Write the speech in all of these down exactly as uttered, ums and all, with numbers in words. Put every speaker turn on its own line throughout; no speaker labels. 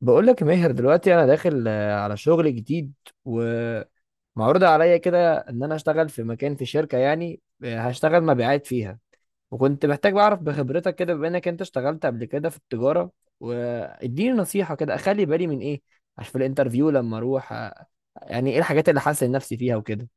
بقول لك يا ماهر دلوقتي انا داخل، آه، على شغل جديد ومعروض عليا كده ان انا اشتغل في مكان في شركة، يعني آه، هشتغل مبيعات فيها. وكنت محتاج بعرف بخبرتك كده بما انك انت اشتغلت قبل كده في التجارة، واديني نصيحة كده اخلي بالي من ايه عشان في الانترفيو لما اروح آه، يعني ايه الحاجات اللي حاسس نفسي فيها وكده.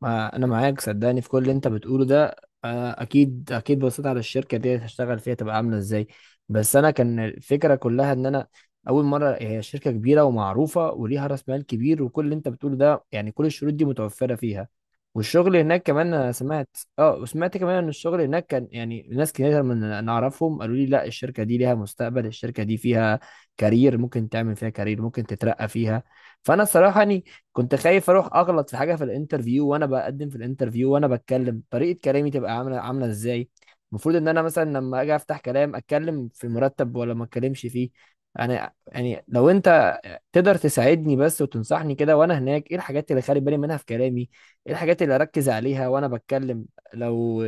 ما انا معاك صدقني في كل اللي انت بتقوله ده. آه، اكيد اكيد بصيت على الشركه دي هشتغل فيها تبقى عامله ازاي. بس انا كان الفكره كلها ان انا اول مره هي شركه كبيره ومعروفه وليها راس مال كبير، وكل اللي انت بتقوله ده يعني كل الشروط دي متوفره فيها. والشغل هناك كمان انا سمعت اه وسمعت كمان ان الشغل هناك كان، يعني ناس كتير من انا اعرفهم قالوا لي لا، الشركه دي ليها مستقبل، الشركه دي فيها كارير، ممكن تعمل فيها كارير، ممكن تترقى فيها. فانا صراحه يعني كنت خايف اروح اغلط في حاجه في الانترفيو، وانا بقدم في الانترفيو وانا بتكلم طريقه كلامي تبقى عامله عامله ازاي. المفروض ان انا مثلا لما اجي افتح كلام اتكلم في مرتب ولا ما اتكلمش فيه؟ انا يعني لو انت تقدر تساعدني بس وتنصحني كده وانا هناك ايه الحاجات اللي خلي بالي منها في كلامي، ايه الحاجات اللي اركز عليها وانا بتكلم. لو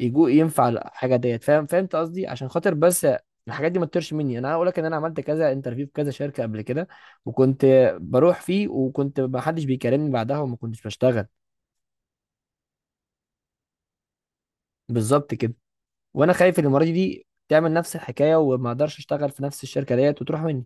يجو ينفع الحاجه ديت، فاهم فهمت قصدي؟ عشان خاطر بس الحاجات دي ما تطيرش مني. انا هقول لك ان انا عملت كذا انترفيو في كذا شركه قبل كده، وكنت بروح فيه وكنت ما حدش بيكلمني بعدها وما كنتش بشتغل. بالظبط كده. وانا خايف إن المره دي تعمل نفس الحكايه وما اقدرش اشتغل في نفس الشركه ديت وتروح مني.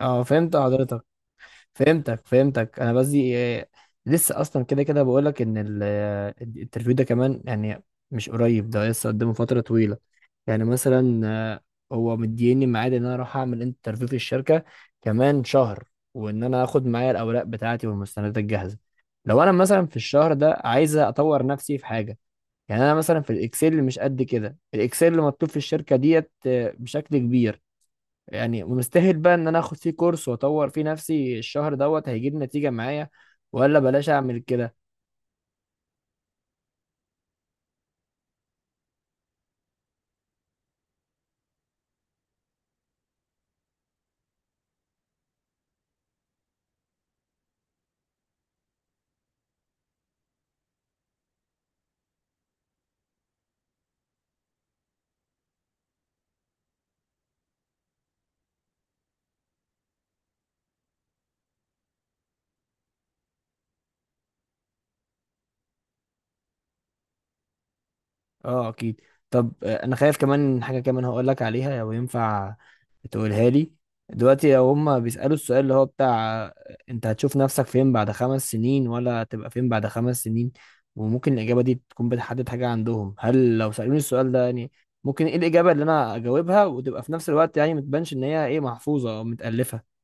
اه، فهمت حضرتك. فهمتك فهمتك. انا قصدي إيه، لسه اصلا كده كده بقول لك ان ال- الانترفيو ده كمان، يعني مش قريب، ده لسه قدامه فتره طويله. يعني مثلا آه، هو مديني ميعاد ان انا اروح اعمل انترفيو في الشركه كمان شهر، وان انا اخد معايا الاوراق بتاعتي والمستندات الجاهزه. لو انا مثلا في الشهر ده عايز اطور نفسي في حاجه، يعني انا مثلا في الاكسل مش قد كده، الاكسل مطلوب في الشركه ديت آه، بشكل كبير. يعني مستاهل بقى ان انا اخد فيه كورس واطور فيه نفسي الشهر دوت؟ هيجيب نتيجة معايا ولا بلاش اعمل كده؟ اه اكيد. طب آه، انا خايف كمان من حاجة كمان هقول لك عليها لو ينفع تقولها لي. دلوقتي لو هما بيسألوا السؤال اللي هو بتاع آه، انت هتشوف نفسك فين بعد خمس سنين، ولا تبقى فين بعد خمس سنين؟ وممكن الإجابة دي تكون بتحدد حاجة عندهم. هل لو سألوني السؤال ده، يعني ممكن ايه الإجابة اللي انا اجاوبها وتبقى في نفس الوقت يعني ما تبانش ان هي ايه، محفوظة او متألفة؟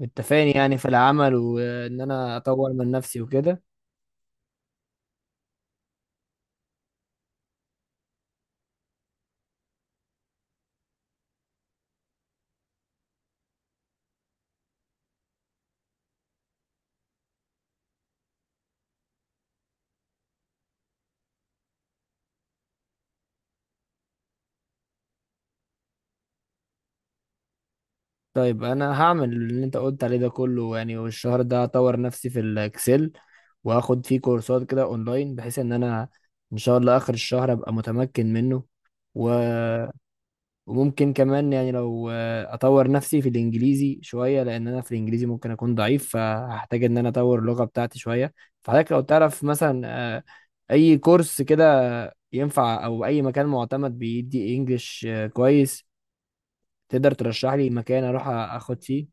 متفقين يعني في العمل وان انا اطور من نفسي وكده. طيب انا هعمل اللي انت قلت عليه ده كله يعني. والشهر ده هطور نفسي في الاكسل واخد فيه كورسات كده اونلاين، بحيث ان انا ان شاء الله اخر الشهر ابقى متمكن منه. و... وممكن كمان يعني لو آه، اطور نفسي في الانجليزي شويه، لان انا في الانجليزي ممكن اكون ضعيف، فهحتاج ان انا اطور اللغه بتاعتي شويه. فحضرتك لو تعرف مثلا آه، اي كورس كده ينفع، او اي مكان معتمد بيدي انجليش آه، كويس، تقدر ترشح لي مكان اروح اخد فيه.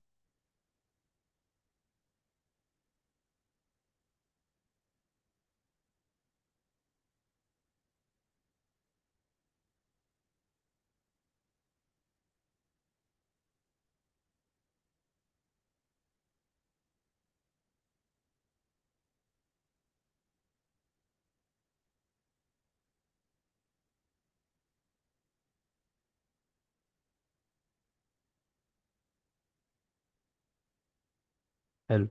حلو.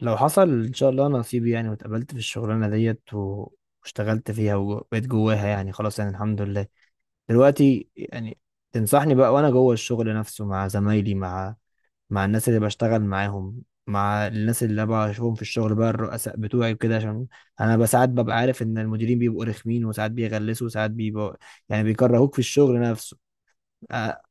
لو حصل ان شاء الله نصيب يعني واتقبلت في الشغلانه ديت و- واشتغلت فيها وبقيت جواها، يعني خلاص يعني الحمد لله. دلوقتي يعني تنصحني بقى وانا جوه الشغل نفسه مع زمايلي، مع مع الناس اللي بشتغل معاهم، مع الناس اللي انا بشوفهم في الشغل بقى، الرؤساء بتوعي وكده. عشان انا بقى ساعات ببقى عارف ان المديرين بيبقوا رخمين، وساعات بيغلسوا وساعات بيبقوا يعني بيكرهوك في الشغل نفسه. آه.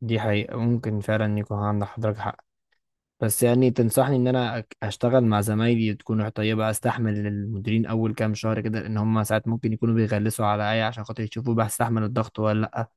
دي حقيقة ممكن فعلا يكون عند حضرتك حق. بس يعني تنصحني ان انا أك- اشتغل مع زمايلي تكون طيبة، استحمل المديرين اول كام شهر كده، لان هم ساعات ممكن يكونوا بيغلسوا عليا عشان خاطر يشوفوا بستحمل الضغط ولا لا؟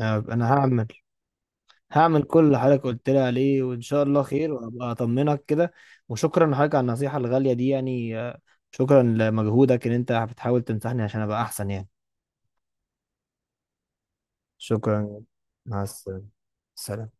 آه، انا هعمل هعمل كل اللي حضرتك قلت لي عليه وان شاء الله خير، وابقى اطمنك كده. وشكرا لحضرتك على النصيحة الغالية دي، يعني آه، شكرا لمجهودك ان انت بتحاول تنصحني عشان ابقى احسن يعني. شكرا. مع السلامة. سلام.